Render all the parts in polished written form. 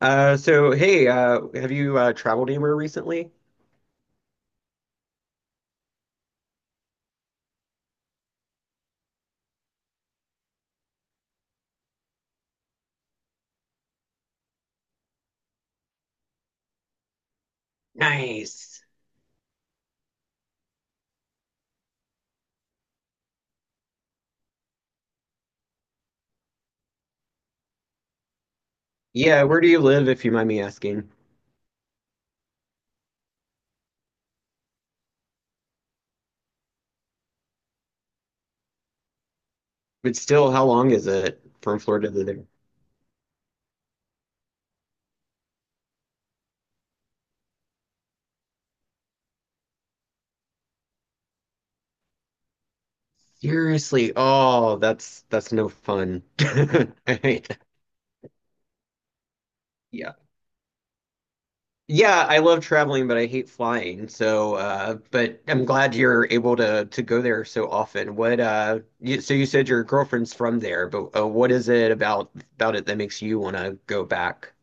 So hey, have you traveled anywhere recently? Nice. Yeah, where do you live, if you mind me asking? But still, how long is it from Florida to there? Seriously, oh, that's no fun. I hate- Yeah. Yeah, I love traveling, but I hate flying. So, but I'm glad you're able to go there so often. So you said your girlfriend's from there, but what is it about it that makes you want to go back?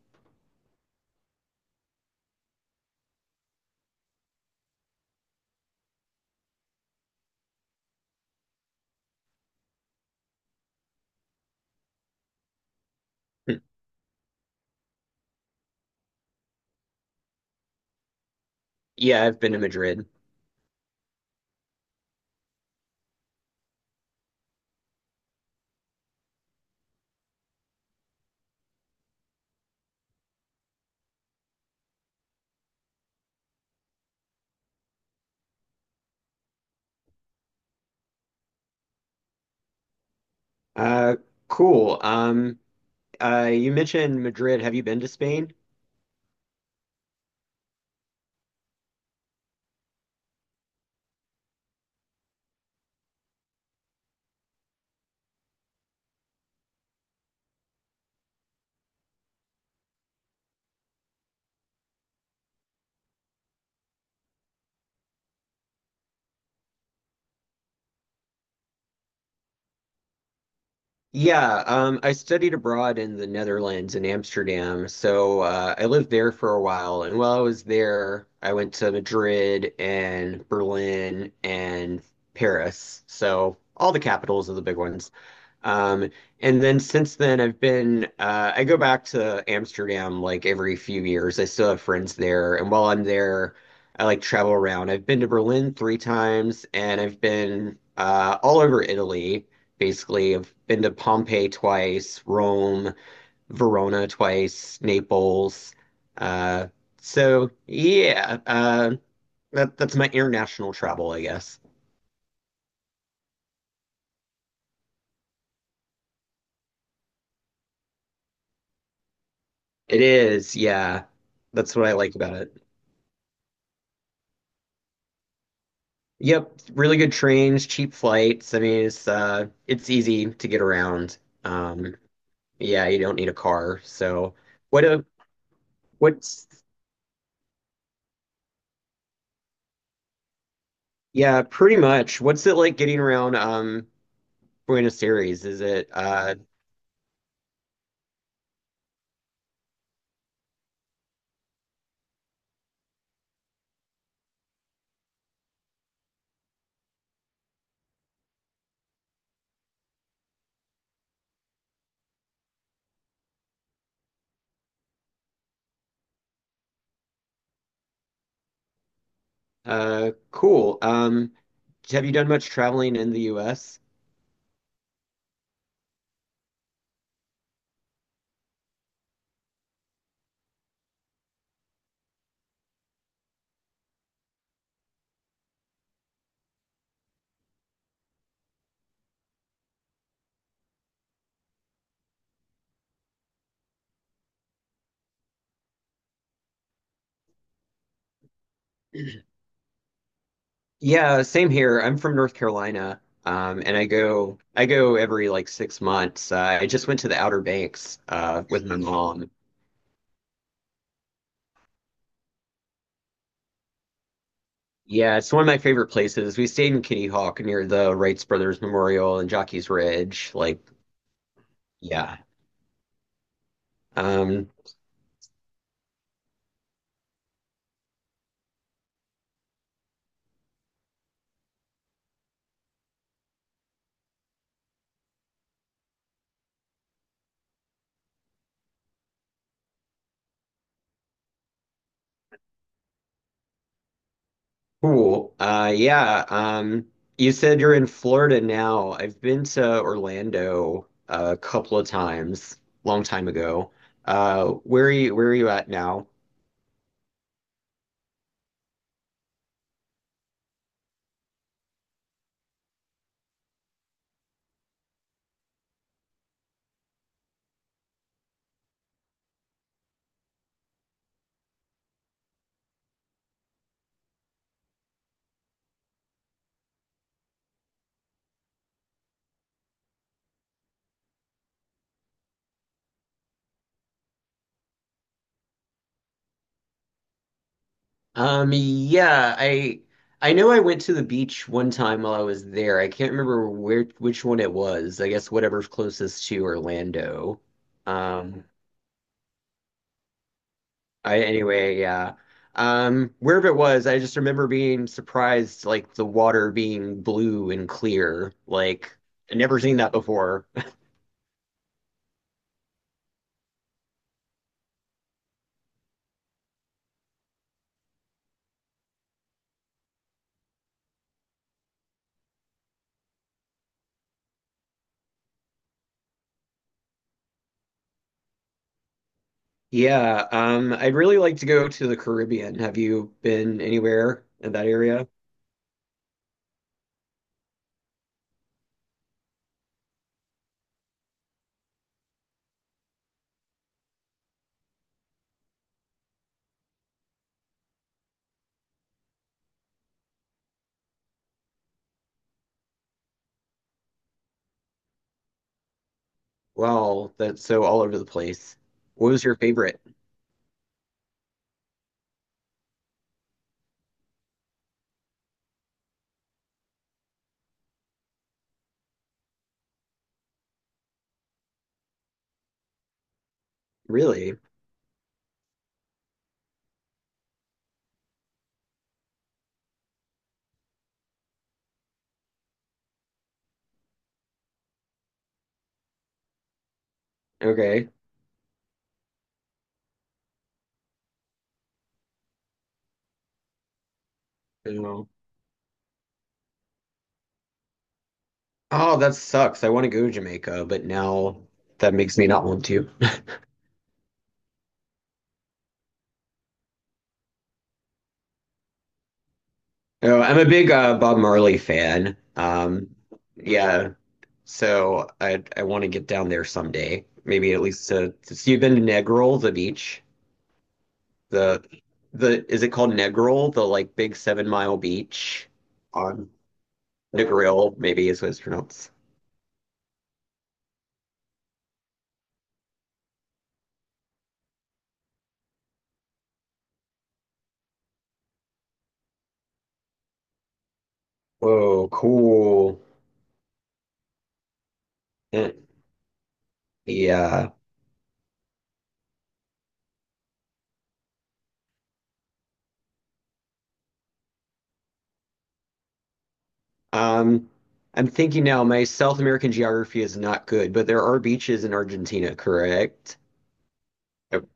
Yeah, I've been to Madrid. Uh, cool. You mentioned Madrid. Have you been to Spain? Yeah, I studied abroad in the Netherlands in Amsterdam. So I lived there for a while. And while I was there, I went to Madrid and Berlin and Paris. So all the capitals of the big ones. Um, and then since then, I've been, I go back to Amsterdam like every few years. I still have friends there. And while I'm there, I like travel around. I've been to Berlin 3 times and I've been all over Italy, basically. I've been to Pompeii twice, Rome, Verona twice, Naples. Uh, so yeah, that's my international travel, I guess. It is, yeah. That's what I like about it. Yep, really good trains, cheap flights. I mean, it's easy to get around. Um, yeah, you don't need a car. So what a what's yeah, pretty much. What's it like getting around Buenos Aires? Is it cool. Have you done much traveling in the US? Yeah, same here. I'm from North Carolina. Um, and I go every like 6 months. I just went to the Outer Banks with my mom. Yeah, it's one of my favorite places. We stayed in Kitty Hawk near the Wrights Brothers Memorial and Jockey's Ridge. Like, yeah. Um, cool. Yeah. You said you're in Florida now. I've been to Orlando a couple of times, long time ago. Where are you at now? Yeah, I know I went to the beach one time while I was there. I can't remember where which one it was. I guess whatever's closest to Orlando. Um, I Anyway, yeah. Wherever it was, I just remember being surprised, like the water being blue and clear. Like I'd never seen that before. Yeah, I'd really like to go to the Caribbean. Have you been anywhere in that area? Wow, that's so all over the place. What was your favorite? Really? Okay. Oh, oh, that sucks. I want to go to Jamaica, but now that makes me not want to. Oh, I'm a big Bob Marley fan. Yeah. So I want to get down there someday. Maybe at least to see. You've been to Negril, the beach. The the is it called Negril? The like big 7 mile beach on Negril, maybe is what it's pronounced. Whoa, cool. Eh, yeah. Um, I'm thinking now, my South American geography is not good, but there are beaches in Argentina, correct? Yep.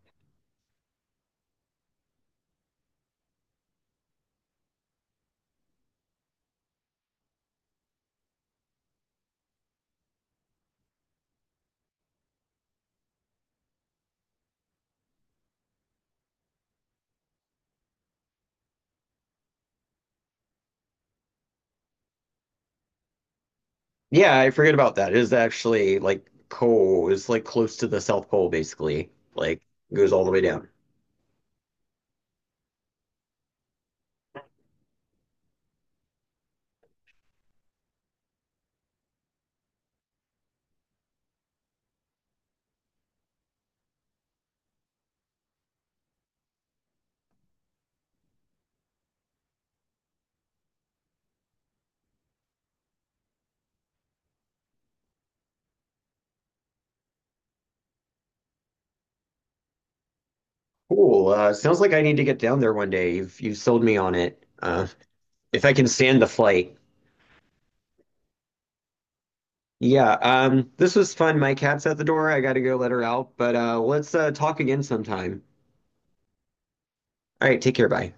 Yeah, I forget about that. It is actually like pole. It's like close to the South Pole, basically. Like goes all the way down. Cool. Sounds like I need to get down there one day. You've sold me on it. If I can stand the flight. Yeah, this was fun. My cat's at the door. I gotta go let her out, but let's talk again sometime. All right, take care. Bye.